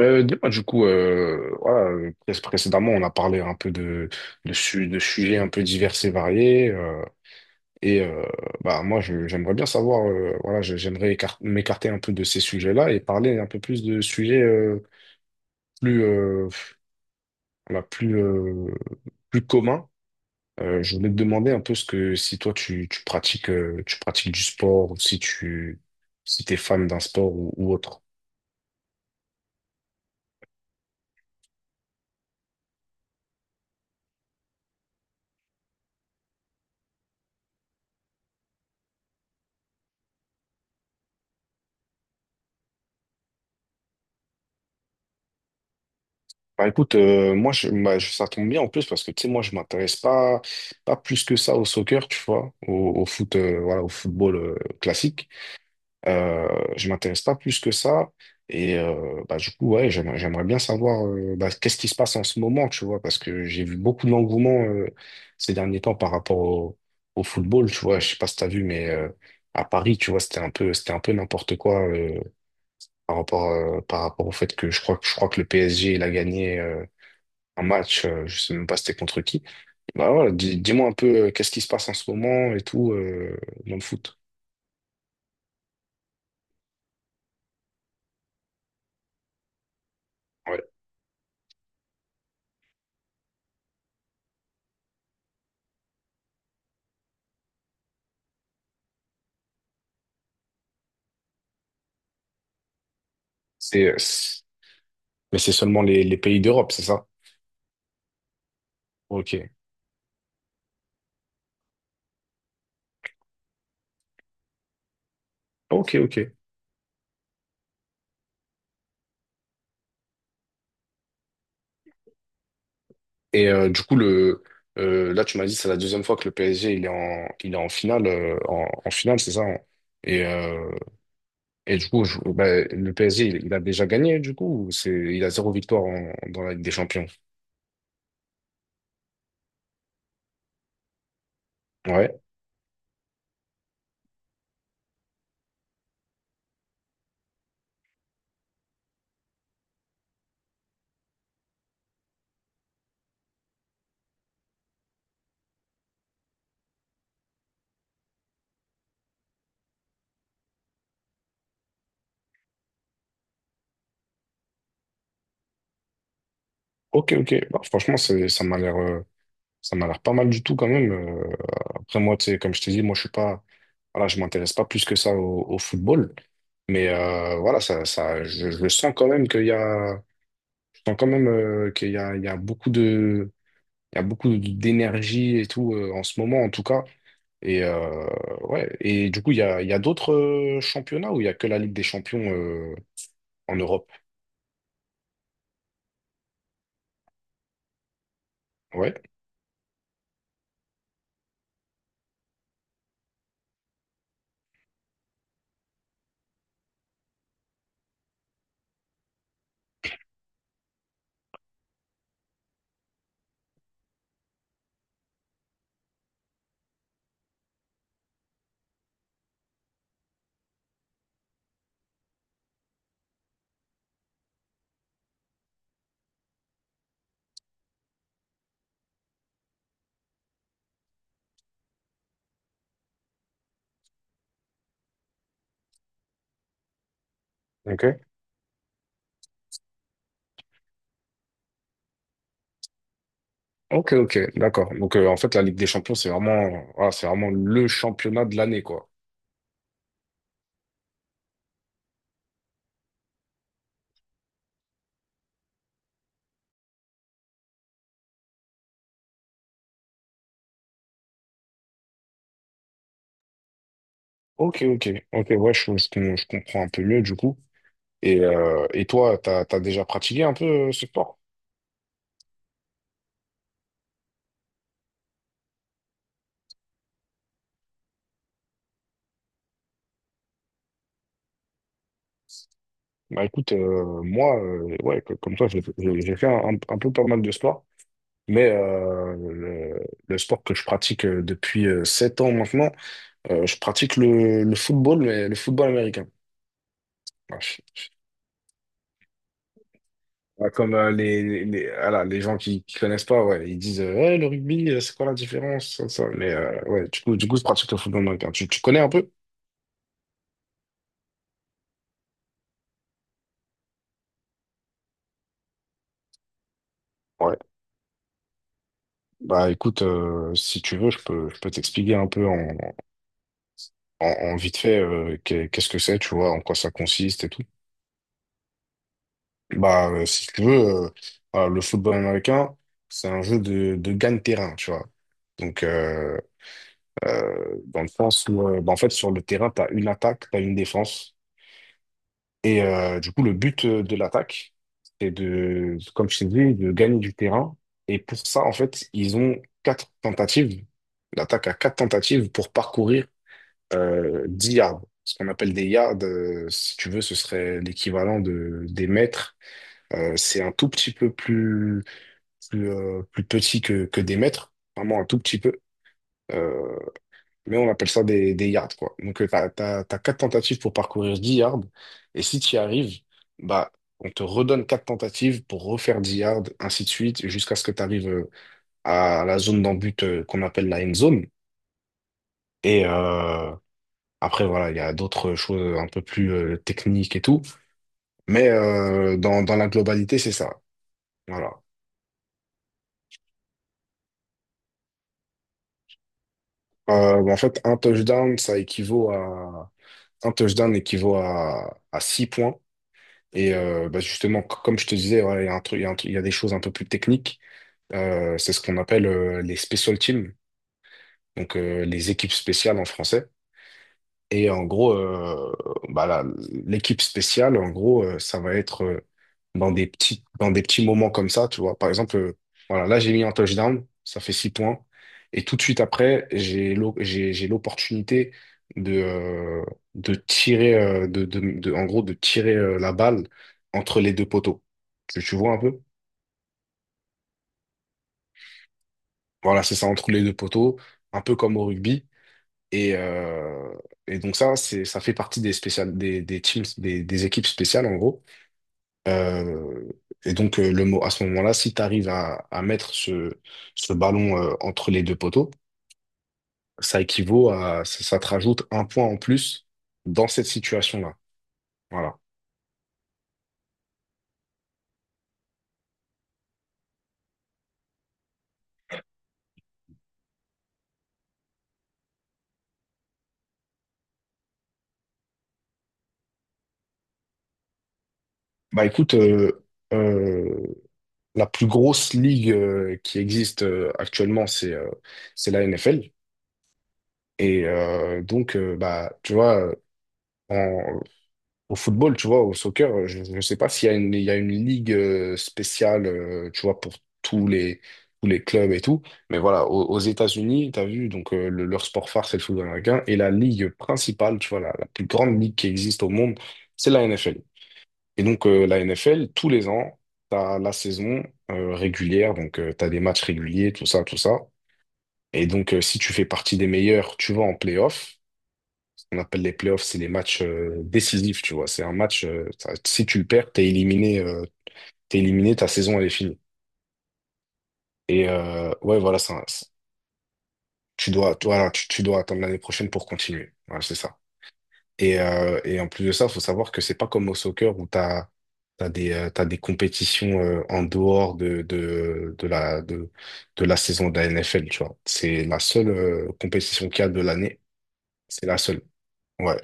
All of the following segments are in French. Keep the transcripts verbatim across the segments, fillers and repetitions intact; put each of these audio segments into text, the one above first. Euh, dis-moi, du coup, euh, voilà, euh, pré- précédemment, on a parlé un peu de, de, su- de sujets un peu divers et variés. euh, et euh, bah, Moi, je- j'aimerais bien savoir, euh, voilà, je- j'aimerais écar- m'écarter un peu de ces sujets-là et parler un peu plus de sujets euh, plus, euh, voilà, plus, euh, plus communs. Euh, je voulais te demander un peu ce que si toi tu, tu pratiques euh, tu pratiques du sport ou si tu si t'es fan d'un sport ou, ou autre. Bah écoute, euh, moi je, bah, je- ça tombe bien en plus parce que tu sais moi je m'intéresse pas pas plus que ça au soccer tu vois au, au foot euh, voilà au football euh, classique. Euh, je m'intéresse pas plus que ça. Et euh, bah, du coup, ouais, j'aimerais, j'aimerais bien savoir euh, bah, qu'est-ce qui se passe en ce moment, tu vois, parce que j'ai vu beaucoup d'engouement euh, ces derniers temps par rapport au, au football, tu vois. Je sais pas si t'as vu, mais euh, à Paris, tu vois, c'était un peu, c'était un peu n'importe quoi euh, par rapport, euh, par rapport au fait que je crois, que- je crois que le P S G, il a gagné euh, un match, euh, je sais même pas c'était contre qui. Bah, voilà, dis, moi un peu euh, qu'est-ce qui se passe en ce moment et tout euh, dans le foot. Ouais. C'est, Mais c'est seulement les, les pays d'Europe, c'est ça? Ok. Ok, ok. Et euh, du coup, le, euh, là, tu m'as dit, c'est la deuxième fois que le P S G, il est en, il est en finale, euh, en, en finale, c'est ça, hein? Et, euh, et du coup, je- ben, le P S G, il, il a déjà gagné, du coup, ou c'est, il a zéro victoire en- dans la Ligue des Champions. Ouais. Ok, ok. Bah, franchement, c'est, ça m'a l'air, euh, Ça m'a l'air pas mal du tout quand même. Euh, après moi, tu sais, comme je t'ai dit, moi je suis pas, voilà, je m'intéresse pas plus que ça au, au football. Mais euh, voilà, ça, ça, je, je sens quand même qu'il y a, je sens quand même euh, qu'il y a, il y a beaucoup de, il y a beaucoup d'énergie et tout euh, en ce moment en tout cas. Et euh, ouais, et du coup il y a, il y a d'autres euh, championnats où il y a que la Ligue des Champions euh, en Europe. Ouais. Ok. Ok, ok, d'accord. Donc euh, en fait la Ligue des Champions c'est vraiment, voilà, c'est vraiment le championnat de l'année quoi. Ok, ok, ok, ouais, je, je com- je comprends un peu mieux du coup. Et, euh, et toi, t'as, t'as déjà pratiqué un peu euh, ce sport? Bah écoute, euh, moi, euh, ouais, co- comme toi, j'ai j'ai- j'ai fait un, un- un peu pas mal de sport, mais euh, le, le sport que je pratique euh, depuis euh, sept ans maintenant, euh, je pratique le, le football, mais le football américain. Ah, je- je- ah, comme euh, les, les, les- voilà, les gens qui, qui connaissent pas, ouais, ils disent euh, ouais, le rugby, euh, c'est quoi la différence? Ça, ça. Mais euh, ouais, du coup, du coup, je pratique le football américain. Tu, tu connais un peu? Bah écoute, euh, si tu veux, je peux, je peux t'expliquer un peu en, en, en vite fait euh, qu'est- qu'est-ce que c'est, tu vois, en quoi ça consiste et tout. Bah euh, si tu veux, euh, voilà, le football américain, c'est un jeu de, de gagne-terrain, tu vois. Donc euh, euh, Dans le sens où, euh, bah, en fait, sur le terrain, t'as une attaque, t'as une défense. Et euh, du coup, le but euh, de l'attaque, c'est de, comme je t'ai dit, de gagner du terrain. Et pour ça, en fait, ils ont quatre tentatives. L'attaque a quatre tentatives pour parcourir euh, 10 yards. Ce qu'on appelle des yards, euh, si tu veux, ce serait l'équivalent de, des mètres. Euh, c'est un tout petit peu plus, plus, euh, plus petit que, que des mètres, vraiment un tout petit peu. Euh, mais on appelle ça des, des yards, quoi. Donc, tu as, t'as, t'as quatre tentatives pour parcourir dix yards. Et si tu y arrives, bah, on te redonne quatre tentatives pour refaire dix yards, ainsi de suite, jusqu'à ce que tu arrives à la zone d'en but euh, qu'on appelle la end zone. Et, euh, Après, voilà, il y a d'autres choses un peu plus euh, techniques et tout. Mais euh, dans, dans la globalité, c'est ça. Voilà. Euh, en fait, un touchdown, ça équivaut à... un touchdown équivaut à, à six points. Et euh, bah, justement, c- comme je te disais, voilà, il y a un truc, il y a un truc- il y a des choses un peu plus techniques. Euh, c'est ce qu'on appelle euh, les special teams, donc euh, les équipes spéciales en français. Et en gros, euh, bah là, l'équipe spéciale, en gros, euh, ça va être euh, dans des petits, dans des petits moments comme ça, tu vois. Par exemple, euh, voilà, là, j'ai mis un touchdown, ça fait six points. Et tout de suite après, j'ai l'o- j'ai, j'ai l'opportunité de, euh, de, tirer, euh, de, de, de- en gros, de tirer euh, la balle entre les deux poteaux. Tu, tu vois un peu? Voilà, c'est ça, entre les deux poteaux, un peu comme au rugby. Et, euh, et donc ça, c'est, ça fait partie des spéciales, des, des teams, des, des équipes spéciales en gros. Euh, et donc euh, le mot à ce moment-là, si tu arrives à, à mettre ce, ce ballon euh, entre les deux poteaux, ça équivaut à, ça, ça te rajoute un point en plus dans cette situation-là. Voilà. Bah écoute, euh, euh, la plus grosse ligue euh, qui existe euh, actuellement, c'est euh, c'est la N F L. Et euh, donc, euh, bah tu vois. Au football, tu vois, au soccer, euh, je ne sais pas s'il y a une, il y a une ligue euh, spéciale, euh, tu vois, pour tous les, tous les clubs et tout. Mais voilà, aux, aux États-Unis, tu as vu, donc euh, le- leur sport phare, c'est le football américain. Et la ligue principale, tu vois, la, la plus grande ligue qui existe au monde, c'est la N F L. Et donc, euh, la N F L, tous les ans, tu as la saison euh, régulière, donc tu as des matchs réguliers, tout ça, tout ça. Et donc, euh, si tu fais partie des meilleurs, tu vas en playoff. On appelle les playoffs, c'est les matchs euh, décisifs, tu vois. C'est un match, euh, ça- si tu le perds, t'es éliminé, euh, t'es éliminé, ta saison, elle est finie. Et euh, ouais, voilà, ça, ça- tu dois, tu, voilà, tu, tu dois attendre l'année prochaine pour continuer. Voilà, c'est ça. Et, euh, et en plus de ça, il faut savoir que c'est pas comme au soccer où t'as, t'as des, euh, t'as des compétitions euh, en dehors de, de, de la, de, de la saison de la N F L, tu vois. C'est la seule euh, compétition qu'il y a de l'année. C'est la seule. Ouais.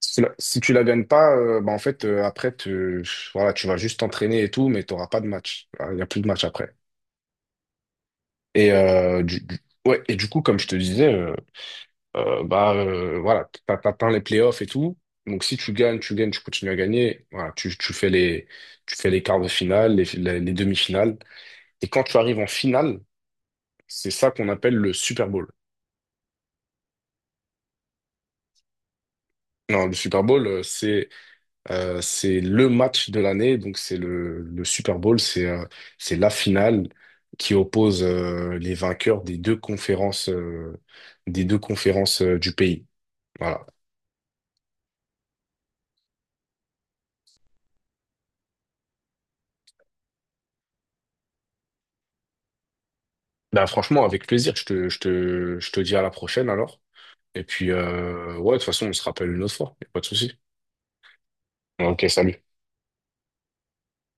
Si la- si tu la gagnes pas, euh, bah, en fait, euh, après, te- voilà, tu vas juste t'entraîner et tout, mais tu n'auras pas de match. Il n'y a plus de match après. Et, euh, du, du- ouais, et du coup, comme je te disais, euh, euh, bah, euh, voilà, t'as- t'atteins les playoffs et tout. Donc, si tu gagnes, tu gagnes, tu continues à gagner. Voilà, tu, tu fais les, tu fais les quarts de finale, les, les- les demi-finales. Et quand tu arrives en finale, c'est ça qu'on appelle le Super Bowl. Non, le Super Bowl, euh, c'est Euh, c'est le match de l'année, donc c'est le, le Super Bowl, c'est euh, c'est la finale qui oppose euh, les vainqueurs des deux conférences euh, des deux conférences euh, du pays. Voilà. Bah, franchement, avec plaisir, je te, je te, je te dis à la prochaine alors. Et puis euh, ouais, de toute façon, on se rappelle une autre fois, y a pas de souci. Ok, salut.